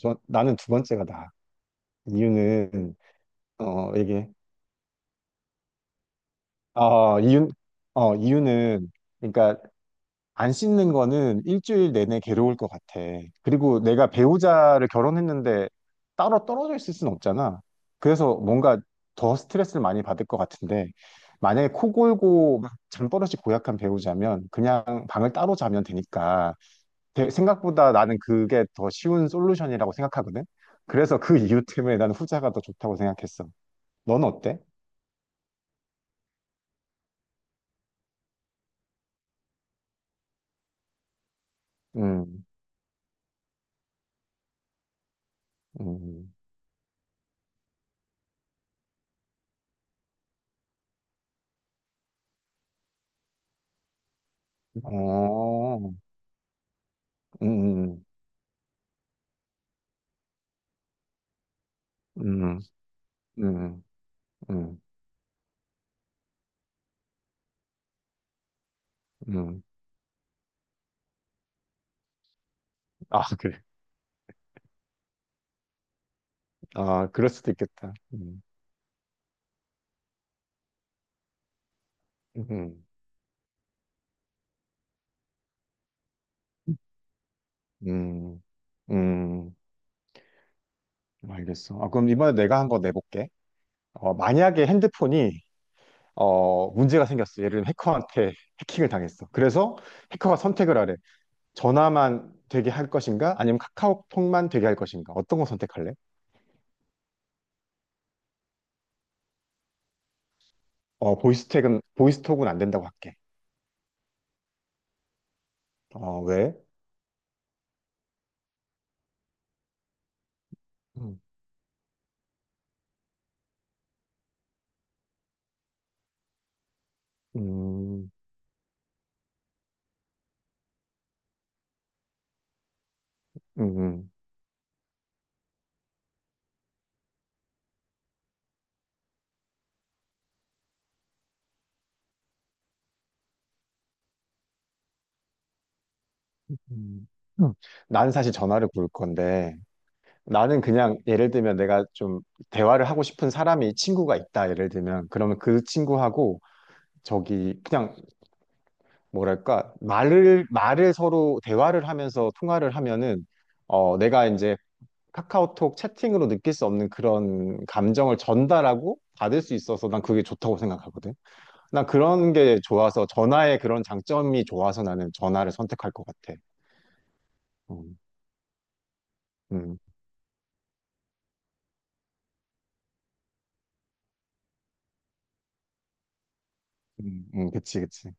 나는 두 번째가 나. 이유는 어 이게 어 이유 어 이유는 그러니까 안 씻는 거는 일주일 내내 괴로울 것 같아. 그리고 내가 배우자를 결혼했는데 따로 떨어져 있을 순 없잖아. 그래서 뭔가 더 스트레스를 많이 받을 것 같은데, 만약에 코 골고 막 잠버릇이 고약한 배우자면 그냥 방을 따로 자면 되니까, 생각보다 나는 그게 더 쉬운 솔루션이라고 생각하거든. 그래서 그 이유 때문에 나는 후자가 더 좋다고 생각했어. 넌 어때? 음. 음. 음. 어. 음. 음. 음. 음. 음. 음. 음. 아, 그래. 아, 그럴 수도 있겠다. 음. 음. 음. 음. 알겠어. 아, 그럼 이번에 내가 한 거 내볼게. 만약에 핸드폰이, 문제가 생겼어. 예를 들면 해커한테 해킹을 당했어. 그래서 해커가 선택을 하래. 전화만 되게 할 것인가? 아니면 카카오톡만 되게 할 것인가? 어떤 거 선택할래? 어, 보이스톡은 안 된다고 할게. 어, 왜? 음. 음. 음. 음. 음. 음. 나는 사실 전화를 걸 건데, 나는 그냥 예를 들면 내가 좀 대화를 하고 싶은 사람이 친구가 있다, 예를 들면. 그러면 그 친구하고 저기 그냥 뭐랄까, 말을 서로 대화를 하면서 통화를 하면은, 내가 이제 카카오톡 채팅으로 느낄 수 없는 그런 감정을 전달하고 받을 수 있어서 난 그게 좋다고 생각하거든. 난 그런 게 좋아서 전화의 그런 장점이 좋아서 나는 전화를 선택할 것 같아. 어. 음. 음. 음. 그치, 그치.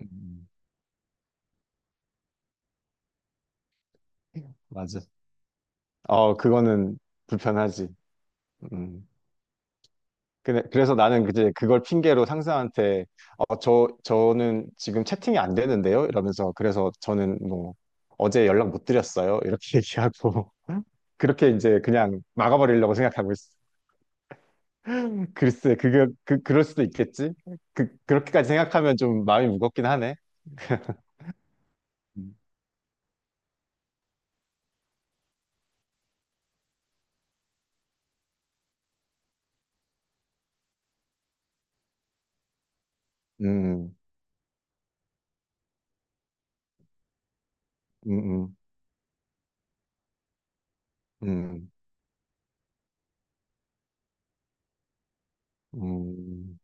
음. 음. 맞아. 어, 그거는 불편하지. 음. 근데 그래서 나는 이제 그걸 핑계로 상사한테 어, 저는 지금 채팅이 안 되는데요? 이러면서 그래서 저는 뭐 어제 연락 못 드렸어요. 이렇게 얘기하고 그렇게 이제 그냥 막아버리려고 생각하고 있어. 글쎄, 그게 그 그럴 수도 있겠지. 그렇게까지 생각하면 좀 마음이 무겁긴 하네. 음. 음. 음. 음. 음.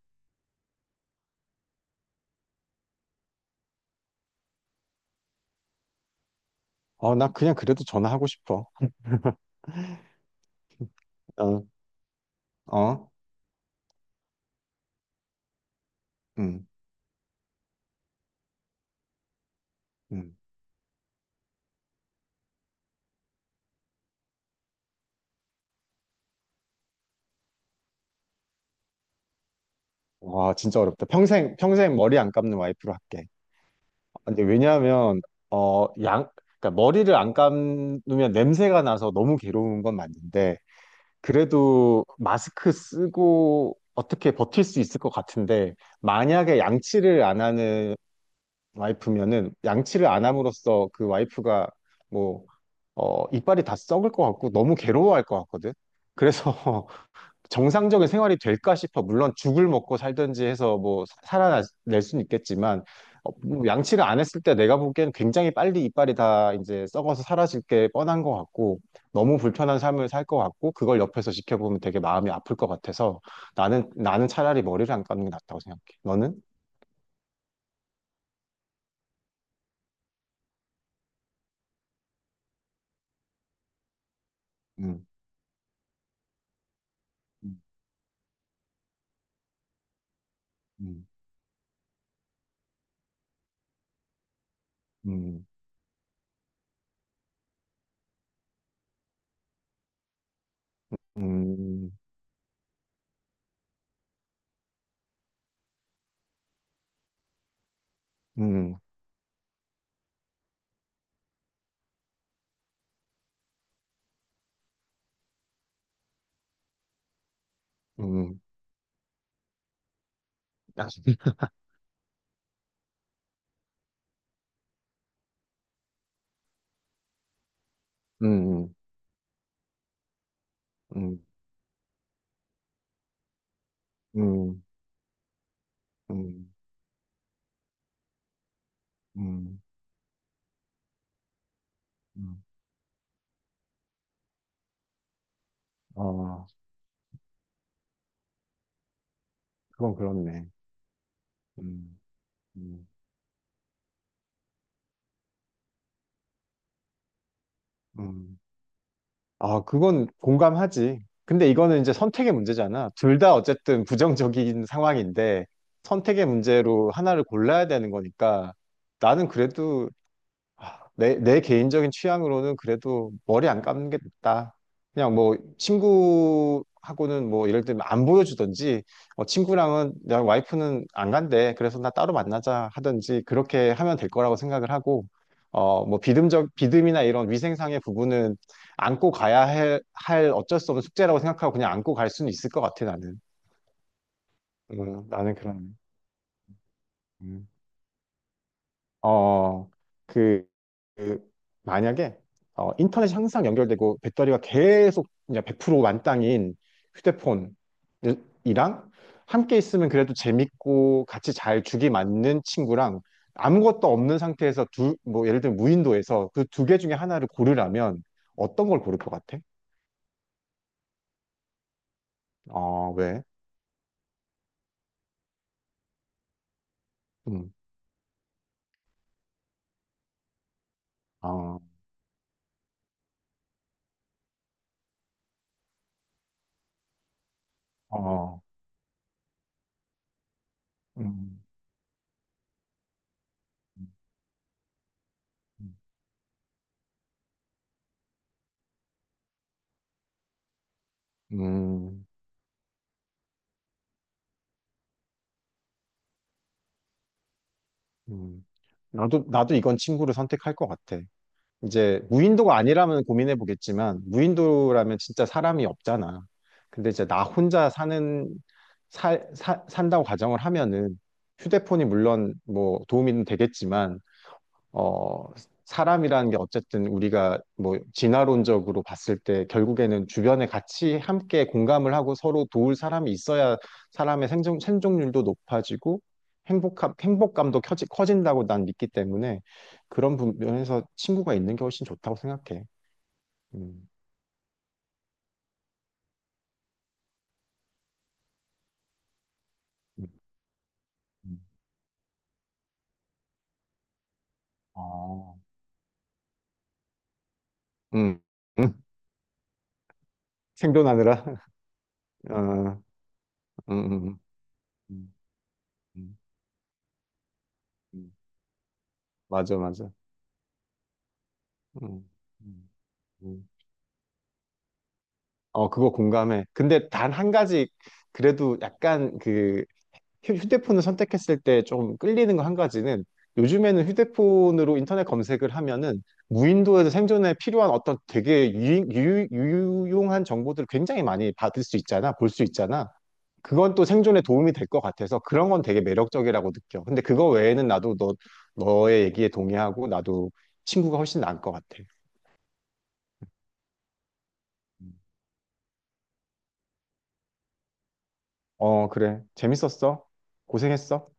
어, 나 그냥 그래도 전화하고 싶어. 어. 어. 음. 음. 와, 진짜 어렵다. 평생 머리 안 감는 와이프로 할게. 근데 왜냐하면, 어, 양, 그러니까 머리를 안 감으면 냄새가 나서 너무 괴로운 건 맞는데, 그래도 마스크 쓰고 어떻게 버틸 수 있을 것 같은데, 만약에 양치를 안 하는 와이프면은, 양치를 안 함으로써 그 와이프가 뭐, 이빨이 다 썩을 것 같고, 너무 괴로워할 것 같거든. 그래서 정상적인 생활이 될까 싶어. 물론 죽을 먹고 살든지 해서 뭐 살아낼 수는 있겠지만, 어, 뭐 양치를 안 했을 때 내가 보기엔 굉장히 빨리 이빨이 다 이제 썩어서 사라질 게 뻔한 것 같고, 너무 불편한 삶을 살 것 같고, 그걸 옆에서 지켜보면 되게 마음이 아플 것 같아서, 나는 차라리 머리를 안 감는 게 낫다고 생각해. 너는? 음. 음. 음. 음. 음. 음. 음. 아. 음. 음. 음. 음. 음. 음. 아, 그건 그렇네. 음. 음. 음. 아, 그건 공감하지. 근데 이거는 이제 선택의 문제잖아. 둘 다 어쨌든 부정적인 상황인데 선택의 문제로 하나를 골라야 되는 거니까 나는 그래도, 내 개인적인 취향으로는 그래도 머리 안 감는 게 낫다. 그냥 뭐 친구하고는 뭐 예를 들면 안 보여주든지, 어, 친구랑은 내 와이프는 안 간대. 그래서 나 따로 만나자 하든지 그렇게 하면 될 거라고 생각을 하고, 어, 뭐 비듬적 비듬이나 이런 위생상의 부분은 안고 가야 할 어쩔 수 없는 숙제라고 생각하고 그냥 안고 갈 수는 있을 것 같아 나는. 나는 그런. 음. 어, 그, 그 만약에 어, 인터넷이 항상 연결되고 배터리가 계속 이제 100% 만땅인 휴대폰이랑 함께 있으면 그래도 재밌고 같이 잘 죽이 맞는 친구랑 아무것도 없는 상태에서 뭐 예를 들면 무인도에서 그 두 개 중에 하나를 고르라면 어떤 걸 고를 것 같아? 어, 왜? 음. 어. 어. 음. 음. 음. 음. 나도 이건 친구를 선택할 것 같아. 이제 무인도가 아니라면 고민해 보겠지만 무인도라면 진짜 사람이 없잖아. 근데 이제 나 혼자 사는, 살 산다고 가정을 하면은 휴대폰이 물론 뭐 도움이 되겠지만, 어, 사람이라는 게 어쨌든 우리가 뭐 진화론적으로 봤을 때 결국에는 주변에 같이 함께 공감을 하고 서로 도울 사람이 있어야 사람의 생존율도 높아지고 행복감도 커진다고 난 믿기 때문에 그런 면에서 친구가 있는 게 훨씬 좋다고 생각해. 음. 음. 음. 아. 음. 음. 생존하느라. 어. 음. 음. 음. 음. 음. 맞아, 맞아. 음. 음. 음. 어, 그거 공감해. 근데 단 한 가지, 그래도 약간 그 휴대폰을 선택했을 때 좀 끌리는 거 한 가지는 요즘에는 휴대폰으로 인터넷 검색을 하면은 무인도에서 생존에 필요한 어떤 되게 유용한 정보들을 굉장히 많이 받을 수 있잖아, 볼 수 있잖아. 그건 또 생존에 도움이 될 것 같아서 그런 건 되게 매력적이라고 느껴. 근데 그거 외에는 나도 너의 얘기에 동의하고 나도 친구가 훨씬 나을 것 같아. 음. 어, 그래. 재밌었어. 고생했어.